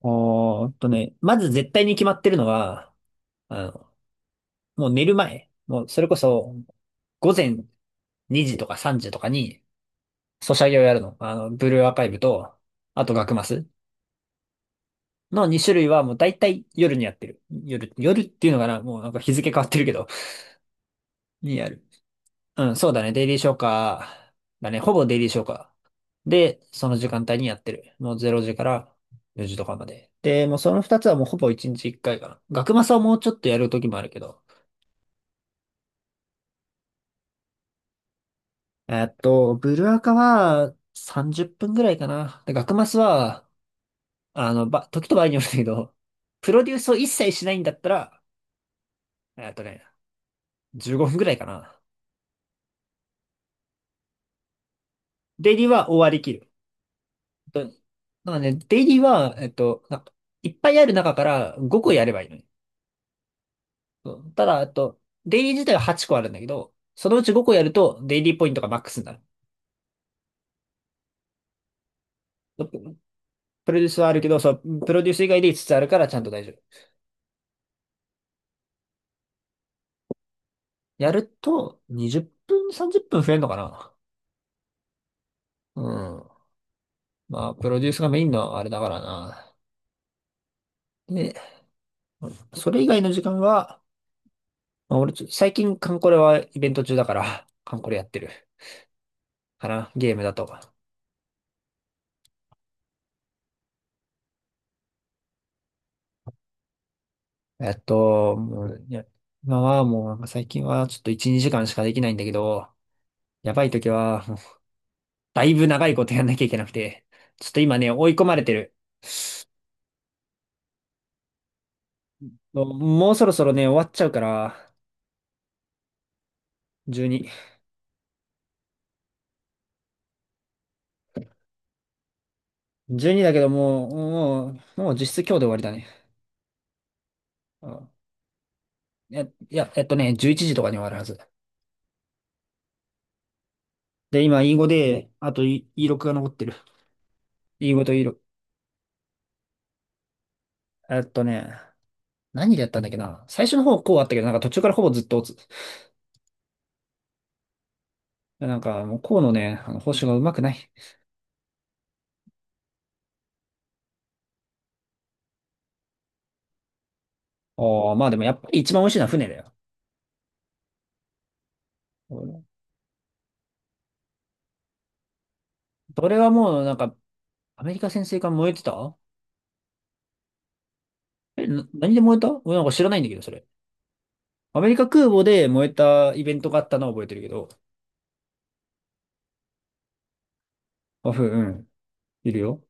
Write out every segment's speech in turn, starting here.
おーっとね、まず絶対に決まってるのは、あの、もう寝る前、もうそれこそ午前2時とか3時とかに、ソシャゲをやるの。あの、ブルーアーカイブと、あと学マスの2種類はもう大体夜にやってる。夜っていうのかな。もうなんか日付変わってるけど、にやる。うん、そうだね。デイリー消化だね。ほぼデイリー消化。で、その時間帯にやってる。もう0時から4時とかまで。で、もうその2つはもうほぼ1日1回かいかな。学マスはもうちょっとやる時もあるけど、ブルアカは30分ぐらいかな。で、学マスは、時と場合によるんだけど、プロデュースを一切しないんだったら、えっとね、15分ぐらいかな。デイリーは終わりきる。と、なんかね、デイリーは、いっぱいある中から5個やればいいのに。そう。ただ、えっと、デイリー自体は8個あるんだけど、そのうち5個やると、デイリーポイントがマックスになる。プロデュースはあるけど、そう、プロデュース以外で5つあるからちゃんと大丈夫。やると、20分、30分増えるのかな。うん。まあ、プロデュースがメインのあれだからな。で、それ以外の時間は、まあ、俺ちょ、最近、カンコレはイベント中だから、カンコレやってる。かな、ゲームだと。えっと、もう、いや、今はもう、なんか最近はちょっと1、2時間しかできないんだけど、やばい時は、もうだいぶ長いことやんなきゃいけなくて、ちょっと今ね、追い込まれてる。もうそろそろね、終わっちゃうから、12。12だけど、もう実質今日で終わりだね。うん。11時とかに終わるはず。で、今、E5 で、あと E6 が残ってる。E5 と E6。えっとね、何でやったんだっけな。最初の方、こうあったけど、なんか途中からほぼずっと落つ。なんか、もうこうのね、あの報酬がうまくない。おー、まあでもやっぱり一番美味しいのは船だよ。それはもう、なんか、アメリカ潜水艦燃えてた。何で燃えた、俺なんか知らないんだけど、それ。アメリカ空母で燃えたイベントがあったのは覚えてるけど。あ、ふうん。いるよ。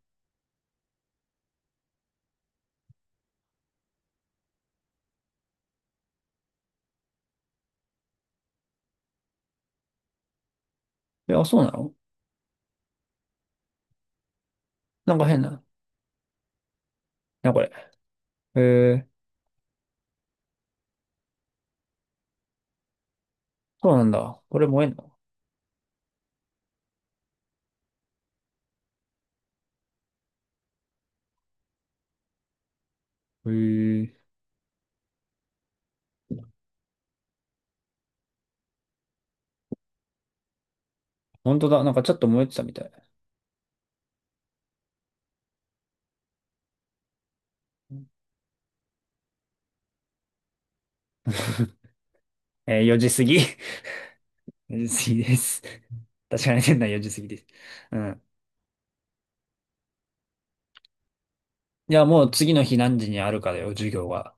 え、あ、そうなの。なんか変な。な、これ。へえ、そうなんだ。これ燃えんの。へえ。本当だ。なんかちょっと燃えてたみたい。えー4時過ぎ。4時過ぎです。確かに店内4時過ぎです。うん。じゃあもう次の日何時にあるかだよ、授業は。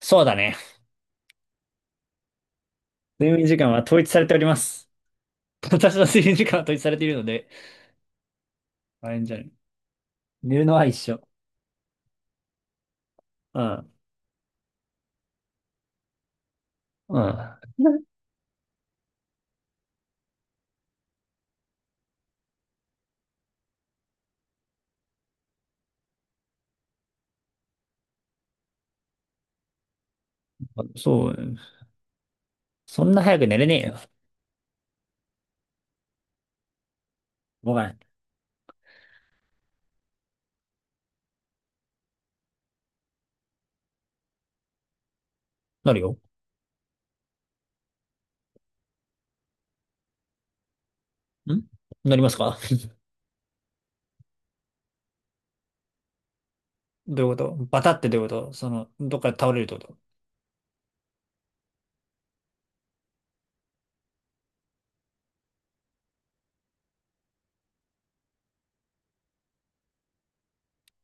そうだね。睡眠時間は統一されております。私の睡眠時間は統一されているので、あれんじゃない。寝るのは一緒。うん。うん。そう。そんな早く寝れねえよ。ごめん。なるよ。ん、なりますか。 どういうこと。バタってどういうこと。その、どっかで倒れるってこと。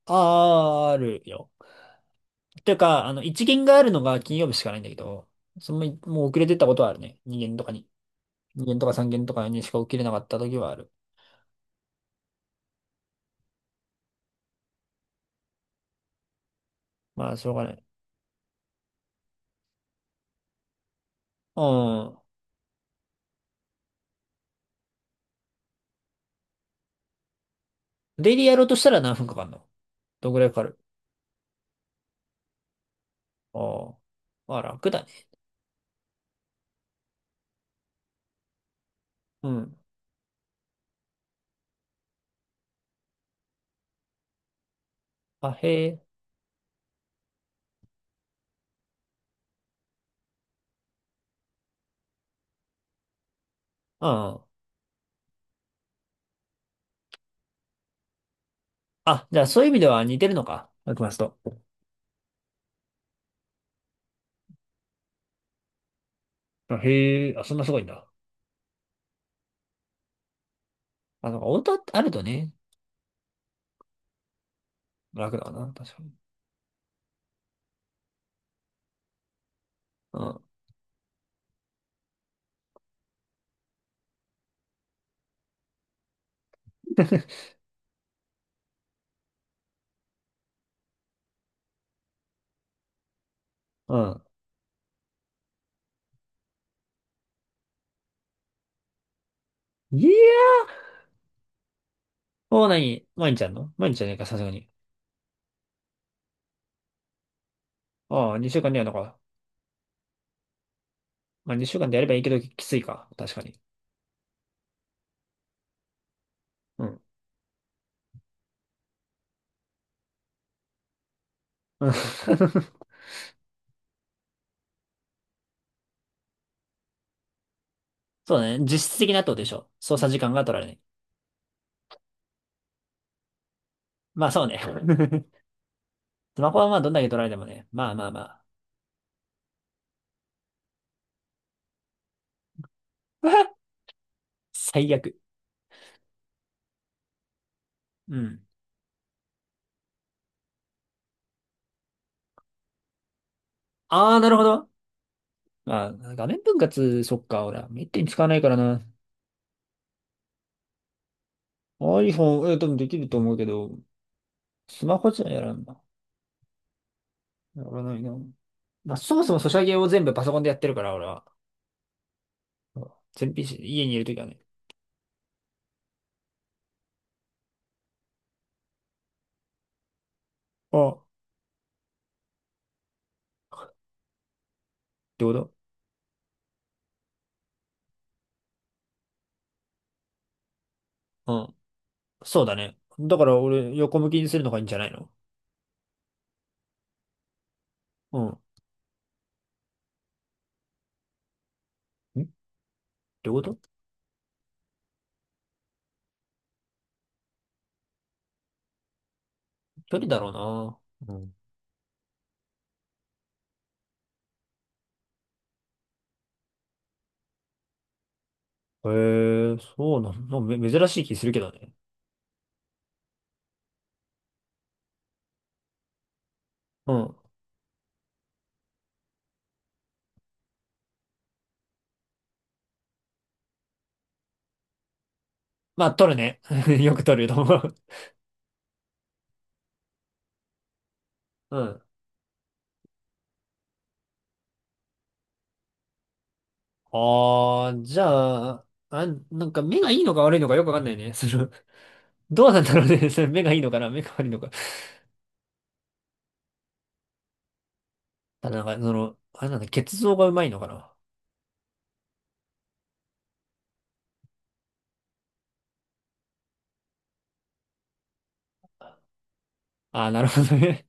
あーるよ。ていうか、あの、一限があるのが金曜日しかないんだけど、その、もう遅れてったことはあるね。二限とかに。二限とか三限とかにしか起きれなかった時はある。まあ、しょうがない。うん。デイリーやろうとしたら何分かかんの。どんぐらいかかる。ああ。まあ、楽だね。うん。あ、へえ。うん。あ、じゃあそういう意味では似てるのか。マクマスと。あ、へえ。あ、そんなすごいんだ。あの、なんかオートあるとね、楽だわな。確かに。うん。うん。いやー。もう何、毎日やんの。毎日じゃねえか、さすがに。ああ、2週間にやるのか。まあ、2週間でやればいいけど、きついか。確かに。うん。うん。 そうね。実質的なってことでしょ。操作時間が取られない。まあそうね。スマホはまあどんだけ取られてもね。まあまあまあ。最悪。うん。ああ、なるほど。まあ、画面分割、そっか、俺は。めったに使わないからな。iPhone、え、多分できると思うけど、スマホじゃやらんな。やらないな。まあ、そもそもソシャゲを全部パソコンでやってるから、俺は。うん、全 PC、家にいるときはね。ああ、ってこと。そうだね。だから俺、横向きにするのがいいんじゃないの。うん。ん、ってこと。距離だろうな。うん。へえ、そうなの。め、珍しい気するけどね。うん。まあ、取るね。よく取ると思う。うん。ああ、じゃあ、あ、なんか目がいいのか悪いのかよくわかんないね。その、どうなんだろうね。それ目がいいのかな、目が悪いのか。ただなんか、その、あれなんだ、血像がうまいのかな。ああー、なるほどね。